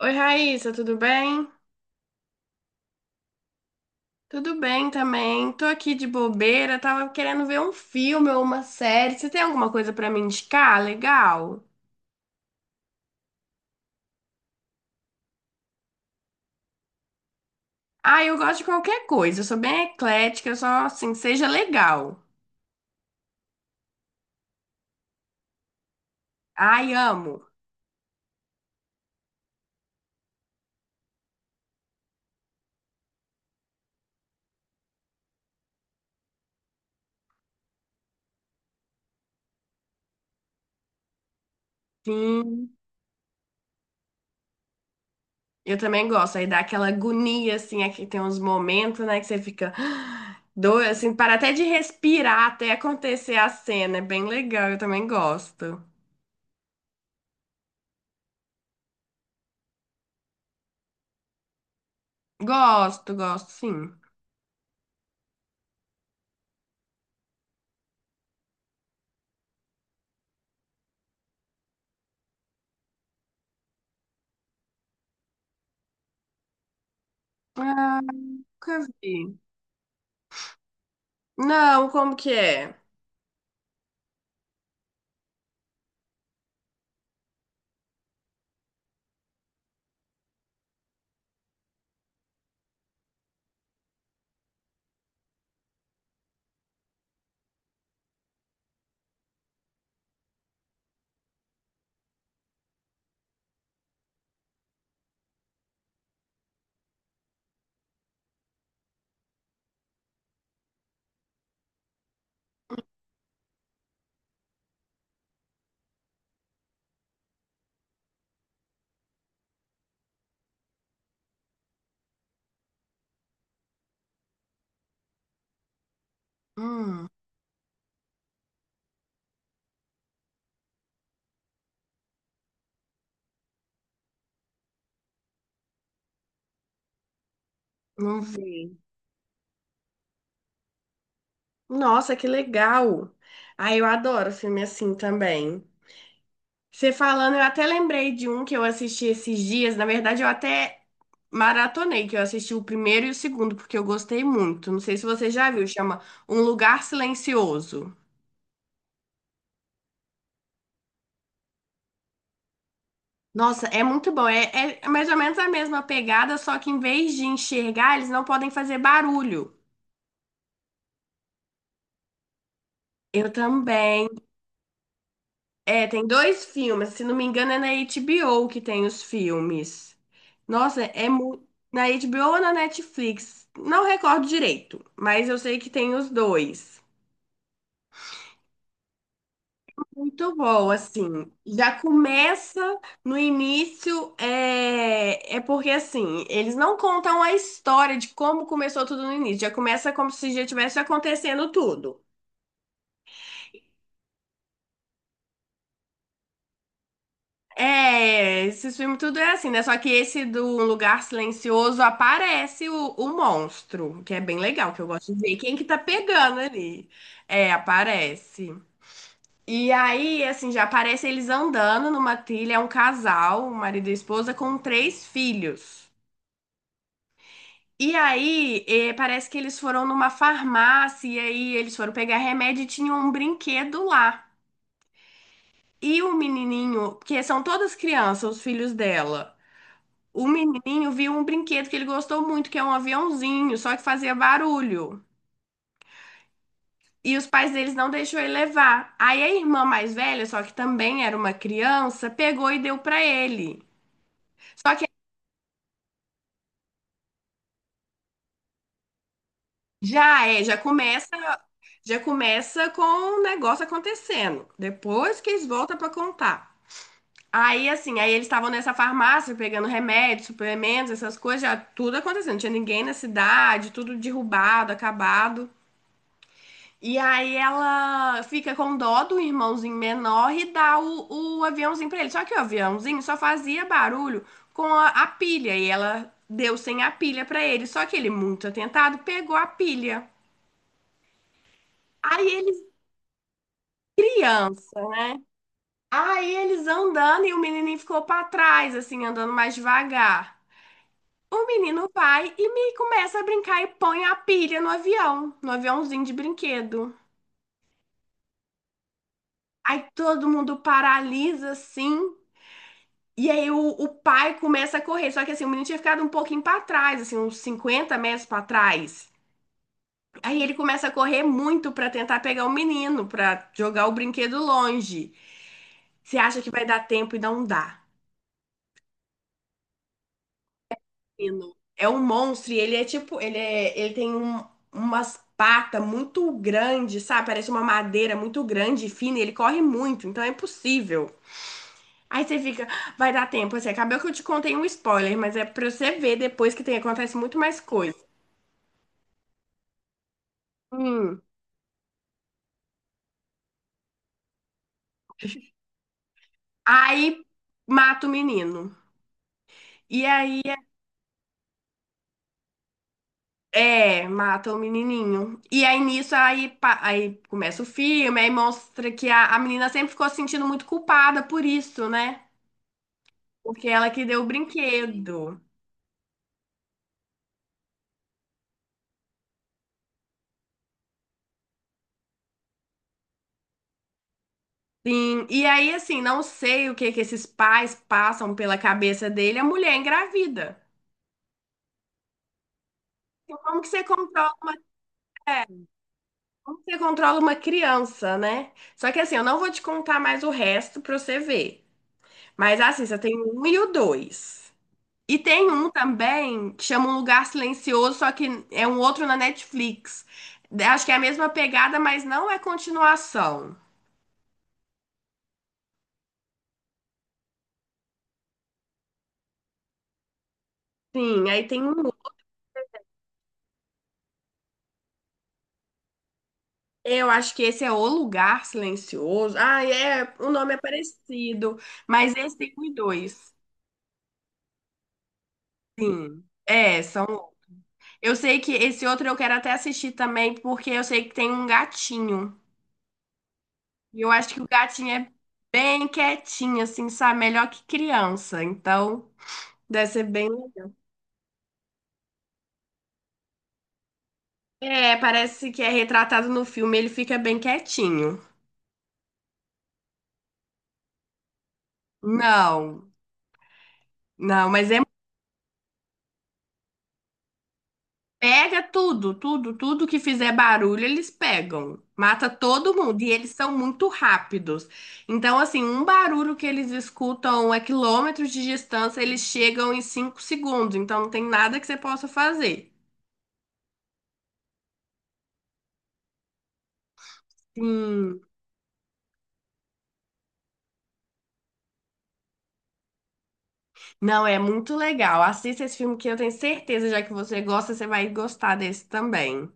Oi, Raíssa, tudo bem? Tudo bem também. Tô aqui de bobeira, tava querendo ver um filme ou uma série. Você tem alguma coisa pra me indicar? Legal. Ah, eu gosto de qualquer coisa. Eu sou bem eclética, eu só assim, seja legal. Ai, amo. Sim, eu também gosto. Aí dá aquela agonia assim, aqui tem uns momentos, né, que você fica ah, doido assim, para até de respirar até acontecer a cena. É bem legal, eu também gosto. Gosto, gosto, sim. Ah, nunca vi. Não, como que é? Hum, não vi. Nossa, que legal. Ah, eu adoro filme assim também. Você falando, eu até lembrei de um que eu assisti esses dias. Na verdade, eu até maratonei, que eu assisti o primeiro e o segundo, porque eu gostei muito. Não sei se você já viu, chama Um Lugar Silencioso. Nossa, é muito bom. É, é mais ou menos a mesma pegada, só que em vez de enxergar, eles não podem fazer barulho. Eu também. É, tem dois filmes, se não me engano é na HBO que tem os filmes. Nossa, na HBO ou na Netflix? Não recordo direito, mas eu sei que tem os dois. Muito bom, assim. Já começa no início, é, é porque assim, eles não contam a história de como começou tudo no início. Já começa como se já tivesse acontecendo tudo. É, esses filmes tudo é assim, né? Só que esse do Um Lugar Silencioso aparece o monstro, que é bem legal, que eu gosto de ver quem que tá pegando ali. É, aparece. E aí, assim, já aparece eles andando numa trilha, é um casal, o marido e a esposa, com três filhos. E aí, parece que eles foram numa farmácia, e aí eles foram pegar remédio e tinham um brinquedo lá. E o menininho, porque são todas crianças, os filhos dela. O menininho viu um brinquedo que ele gostou muito, que é um aviãozinho, só que fazia barulho. E os pais deles não deixou ele levar. Aí a irmã mais velha, só que também era uma criança, pegou e deu pra ele. Só que já é, já começa com o negócio acontecendo. Depois que eles voltam pra contar. Aí assim, aí eles estavam nessa farmácia pegando remédios, suplementos, essas coisas, já tudo acontecendo. Não tinha ninguém na cidade, tudo derrubado, acabado. E aí ela fica com dó do irmãozinho menor e dá o aviãozinho pra ele. Só que o aviãozinho só fazia barulho com a pilha e ela deu sem a pilha pra ele. Só que ele, muito atentado, pegou a pilha. Aí eles, criança, né? Aí eles andando e o menininho ficou pra trás, assim, andando mais devagar. O menino vai e me começa a brincar e põe a pilha no avião, no aviãozinho de brinquedo. Aí todo mundo paralisa assim. E aí o pai começa a correr, só que assim, o menino tinha ficado um pouquinho pra trás, assim, uns 50 metros pra trás. Aí ele começa a correr muito pra tentar pegar o menino, pra jogar o brinquedo longe. Você acha que vai dar tempo e não dá. Menino, é um monstro e ele é tipo, ele tem umas patas muito grandes, sabe? Parece uma madeira muito grande e fina, e ele corre muito, então é impossível. Aí você fica, "Ah, vai dar tempo", assim, acabou que eu te contei um spoiler, mas é pra você ver depois que tem, acontece muito mais coisa. Hum. Aí mata o menino. E aí, é, mata o menininho. E aí nisso, aí começa o filme, aí mostra que a menina sempre ficou se sentindo muito culpada por isso, né? Porque ela que deu o brinquedo. Sim. E aí, assim, não sei o que que esses pais passam pela cabeça dele, a mulher é engravida. Então, como que você controla uma, criança, né? Só que assim, eu não vou te contar mais o resto pra você ver. Mas assim, você tem o um e o dois. E tem um também que chama Um Lugar Silencioso, só que é um outro na Netflix. Acho que é a mesma pegada, mas não é continuação. Sim, aí tem um. Eu acho que esse é O Lugar Silencioso. Ah, é. O nome é parecido, mas esse tem um e dois. Sim. É, são. Eu sei que esse outro eu quero até assistir também, porque eu sei que tem um gatinho. E eu acho que o gatinho é bem quietinho, assim, sabe? Melhor que criança. Então, deve ser bem. É, parece que é retratado no filme, ele fica bem quietinho. Não, não, mas é pega tudo, tudo, tudo que fizer barulho, eles pegam. Mata todo mundo e eles são muito rápidos. Então, assim, um barulho que eles escutam a quilômetros de distância, eles chegam em 5 segundos. Então, não tem nada que você possa fazer. Sim. Não, é muito legal. Assista esse filme que eu tenho certeza, já que você gosta, você vai gostar desse também.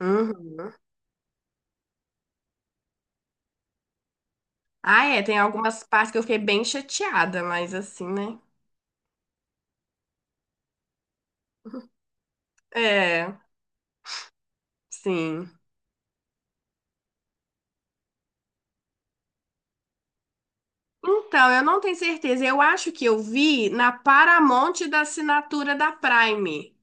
Uhum. Ah, é, tem algumas partes que eu fiquei bem chateada, mas assim, né? É, sim. Então, eu não tenho certeza. Eu acho que eu vi na Paramount da assinatura da Prime,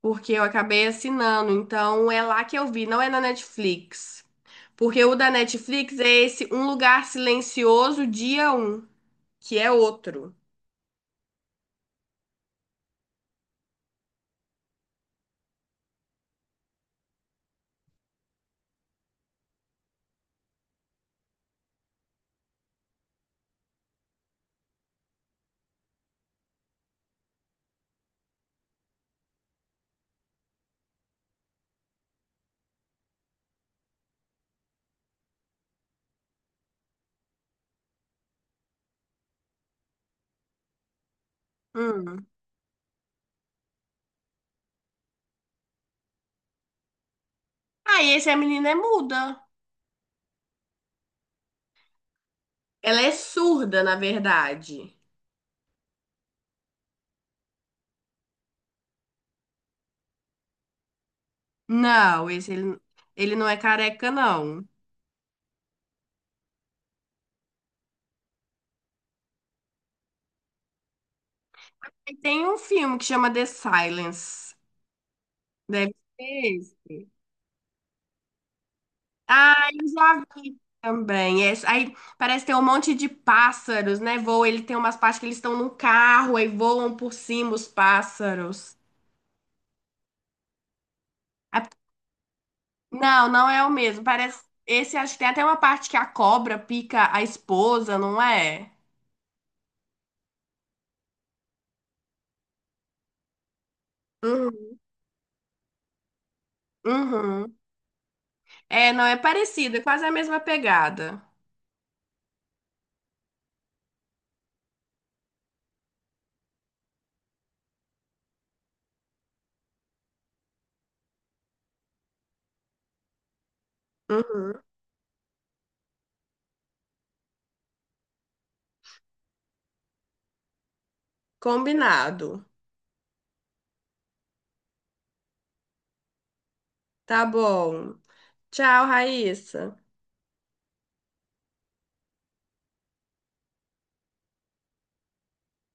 porque eu acabei assinando. Então, é lá que eu vi, não é na Netflix. Porque o da Netflix é esse Um Lugar Silencioso, dia um, que é outro. Hum. Ah, e esse a menina é muda. Ela é surda, na verdade. Não, esse ele, ele não é careca, não. E tem um filme que chama The Silence. Deve ser esse. Ah, eu já vi também. É, aí parece ter um monte de pássaros, né? Voa, ele tem umas partes que eles estão num carro e voam por cima os pássaros. A- Não, não é o mesmo. Parece. Esse acho que tem até uma parte que a cobra pica a esposa, não é? Uhum. Uhum. É, não é parecido, é quase a mesma pegada. Uhum. Combinado. Tá bom. Tchau, Raíssa.